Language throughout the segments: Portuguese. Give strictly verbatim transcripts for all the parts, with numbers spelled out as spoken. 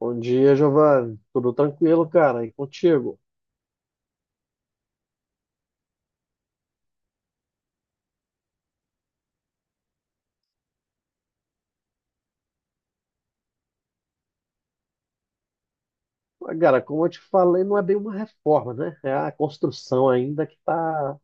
Bom dia, Giovanni. Tudo tranquilo, cara? E contigo? Ah, cara, como eu te falei, não é bem uma reforma, né? É a construção ainda que tá.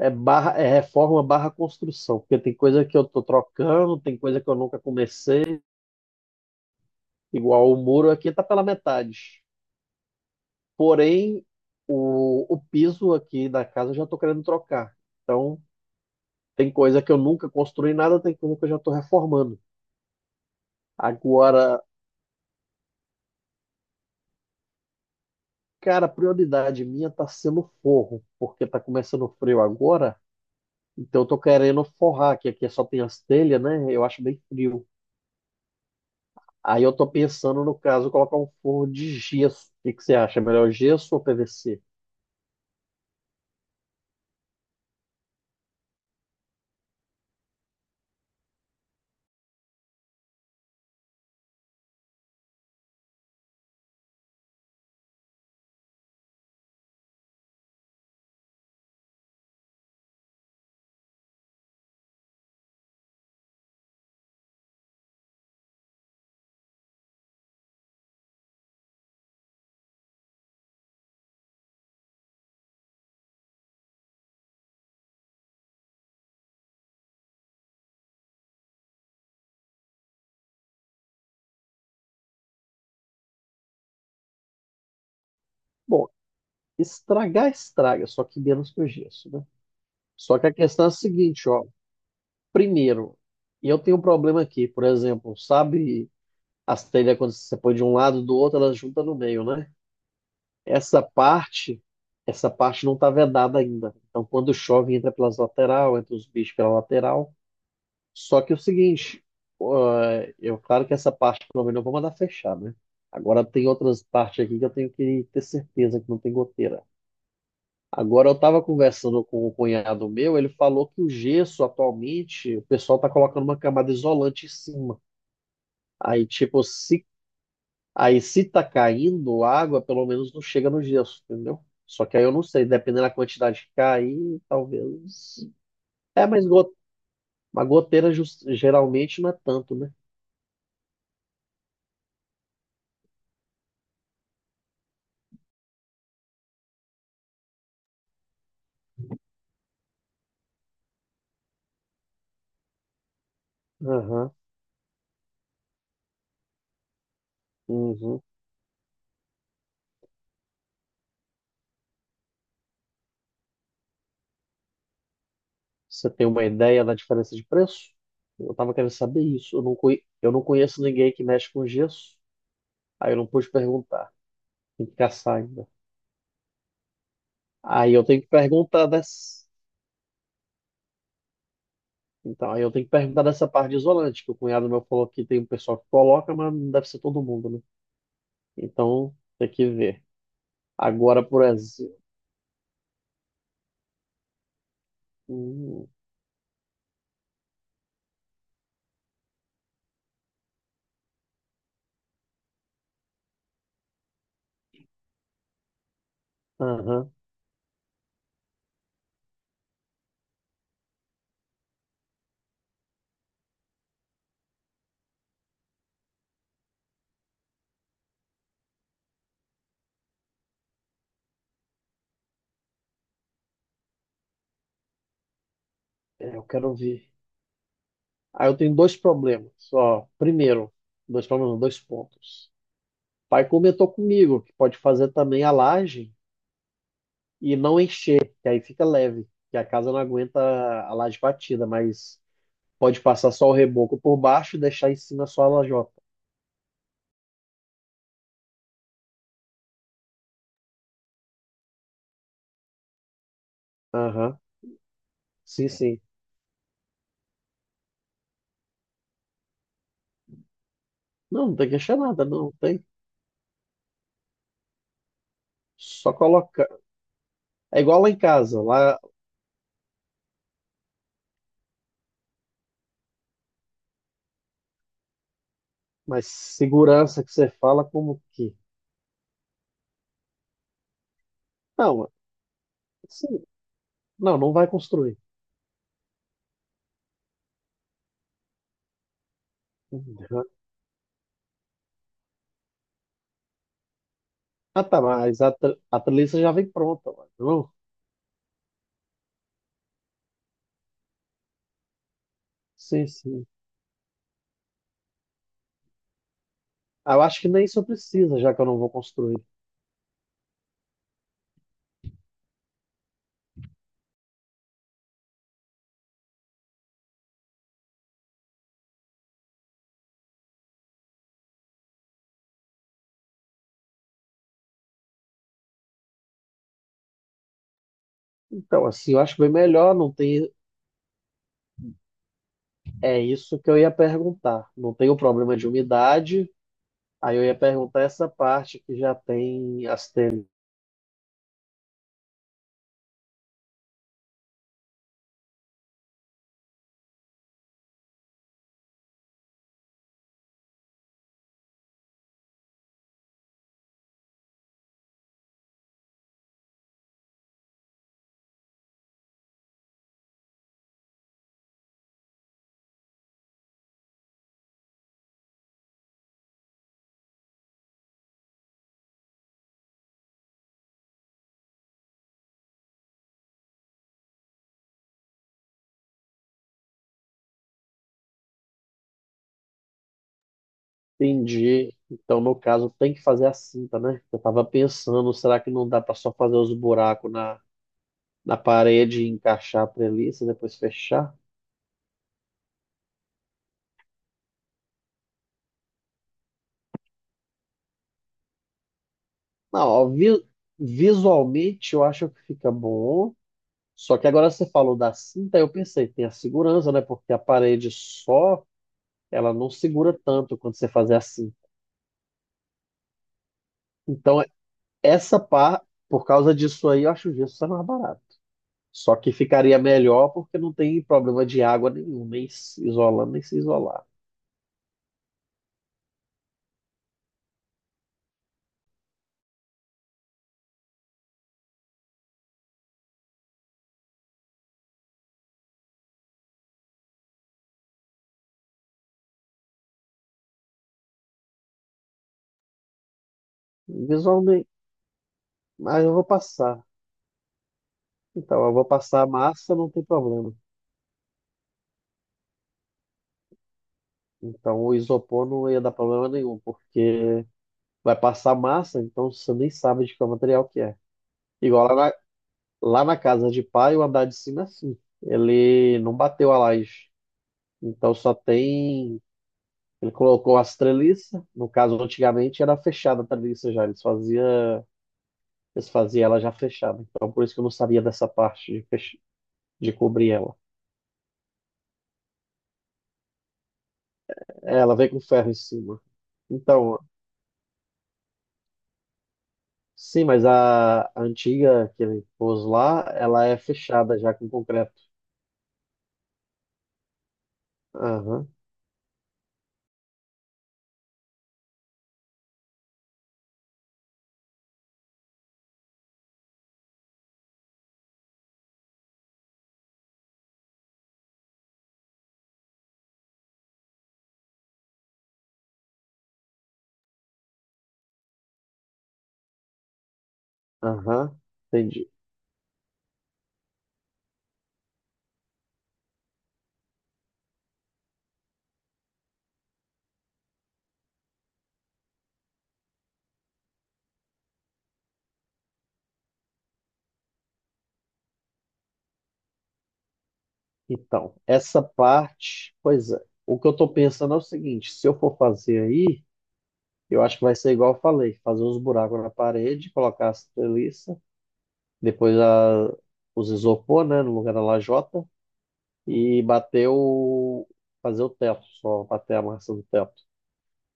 É, barra, é reforma barra construção. Porque tem coisa que eu tô trocando, tem coisa que eu nunca comecei. Igual o muro aqui tá pela metade. Porém, o, o piso aqui da casa eu já tô querendo trocar. Então, tem coisa que eu nunca construí nada, tem coisa que eu já tô reformando. Agora. Cara, a prioridade minha tá sendo forro, porque tá começando o frio agora, então eu tô querendo forrar, que aqui é só tem as telhas, né? Eu acho bem frio. Aí eu tô pensando, no caso, colocar um forro de gesso. O que que você acha? Melhor gesso ou P V C? Bom, estragar, estraga, só que menos que o gesso, né? Só que a questão é a seguinte, ó. Primeiro, eu tenho um problema aqui, por exemplo, sabe as telhas quando você põe de um lado do outro, elas juntam no meio, né? Essa parte, essa parte não está vedada ainda. Então, quando chove, entra pelas lateral, entra os bichos pela lateral. Só que é o seguinte, eh, eu claro que essa parte pelo menos eu vou mandar fechar, né? Agora tem outras partes aqui que eu tenho que ter certeza que não tem goteira. Agora eu estava conversando com o cunhado meu, ele falou que o gesso atualmente, o pessoal está colocando uma camada isolante em cima. Aí, tipo, se Aí se tá caindo água, pelo menos não chega no gesso, entendeu? Só que aí eu não sei, dependendo da quantidade que cair, talvez. É, mas go- uma goteira jus- geralmente não é tanto, né? Aham, uhum. Você tem uma ideia da diferença de preço? Eu tava querendo saber isso. Eu não, conhe- eu não conheço ninguém que mexe com gesso. Aí eu não pude perguntar. Tem que caçar ainda. Aí eu tenho que perguntar dessa. Então, aí eu tenho que perguntar dessa parte de isolante, que o cunhado meu falou que tem um pessoal que coloca, mas não deve ser todo mundo, né? Então, tem que ver. Agora, por exemplo. Hum. Aham, é, eu quero ver. Aí eu tenho dois problemas. Só primeiro, dois problemas, não, dois pontos. O pai comentou comigo que pode fazer também a laje e não encher, que aí fica leve, que a casa não aguenta a laje batida, mas pode passar só o reboco por baixo e deixar em cima só a lajota. Aham, sim, sim. Não, não tem que encher nada, não, tem. Só colocar. É igual lá em casa. Lá. Mas segurança que você fala como que? Não, assim, não, não vai construir. Uhum. Ah, tá, mas a, tre- a treliça já vem pronta, mano. Não? Sim, sim. Ah, eu acho que nem isso precisa, já que eu não vou construir. Então, assim, eu acho bem melhor não ter. É isso que eu ia perguntar. Não tem o problema de umidade. Aí eu ia perguntar essa parte que já tem as telhas. Entendi. Então, no caso, tem que fazer a cinta, né? Eu tava pensando, será que não dá para só fazer os buracos na na parede, encaixar a treliça, depois fechar. Não, ó, vi- visualmente eu acho que fica bom. Só que agora você falou da cinta, eu pensei, tem a segurança, né? Porque a parede só, ela não segura tanto quando você fazer assim. Então, essa par, por causa disso aí, eu acho o gesso mais barato. Só que ficaria melhor porque não tem problema de água nenhum, nem se isolando, nem se isolar. Visualmente, mas eu vou passar. Então, eu vou passar a massa, não tem problema. Então o isopor não ia dar problema nenhum, porque vai passar massa, então você nem sabe de qual material que é. Igual lá na, lá na casa de pai, o andar de cima é assim. Ele não bateu a laje. Então só tem. Ele colocou as treliças. No caso, antigamente era fechada a treliça já. Eles fazia, eles faziam ela já fechada. Então por isso que eu não sabia dessa parte de, fech- de cobrir ela. Ela veio com ferro em cima. Então, sim, mas a, a antiga que ele pôs lá, ela é fechada já com concreto. Aham, aham, entendi. Então, essa parte, pois é. O que eu tô pensando é o seguinte, se eu for fazer aí, eu acho que vai ser igual eu falei, fazer uns buracos na parede, colocar as treliças, depois a, os isopor, né, no lugar da lajota, e bater o, fazer o teto, só bater a massa do teto.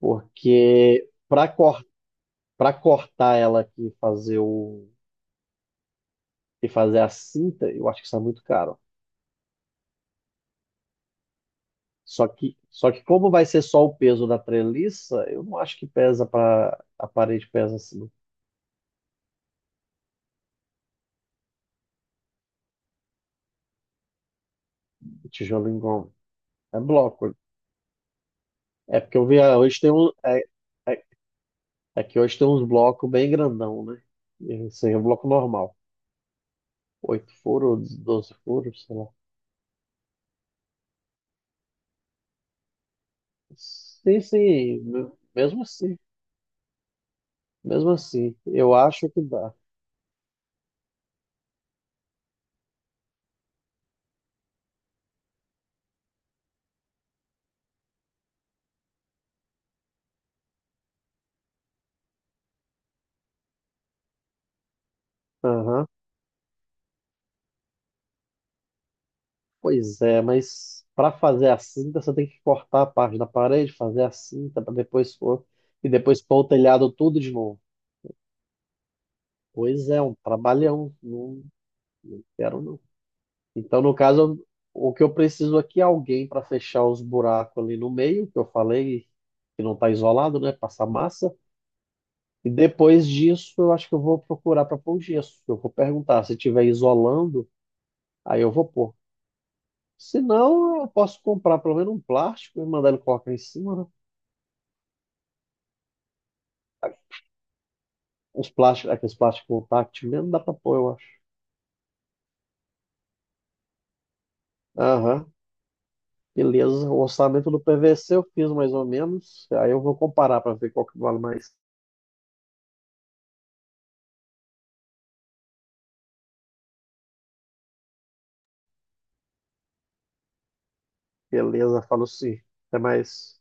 Porque para cortar para cortar ela aqui, e fazer o e fazer a cinta, eu acho que está muito caro. Só que, só que como vai ser só o peso da treliça, eu não acho que pesa para a parede pesa assim, o tijolo engome. É bloco. É porque eu vi ah, hoje tem um, é, é, é que hoje tem uns blocos bem grandão, né? Esse aí é um bloco normal. Oito furos, doze furos, sei lá. Sim, sim, me- mesmo assim, mesmo assim, eu acho que dá. Aham. Pois é, mas para fazer a cinta, você tem que cortar a parte da parede, fazer a cinta para depois pôr, e depois pôr o telhado tudo de novo. Pois é, um trabalhão. Não, não quero, não. Então, no caso, o que eu preciso aqui é alguém para fechar os buracos ali no meio, que eu falei que não está isolado, né? Passar massa. E depois disso, eu acho que eu vou procurar para pôr o gesso. Eu vou perguntar se tiver isolando, aí eu vou pôr. Se não, eu posso comprar pelo menos um plástico e mandar ele colocar em cima, né? Os plásticos, aqueles plásticos táctil mesmo, dá pra pôr, eu acho. Aham, beleza. O orçamento do P V C eu fiz mais ou menos. Aí eu vou comparar pra ver qual que vale mais. Beleza, falo sim. Até mais.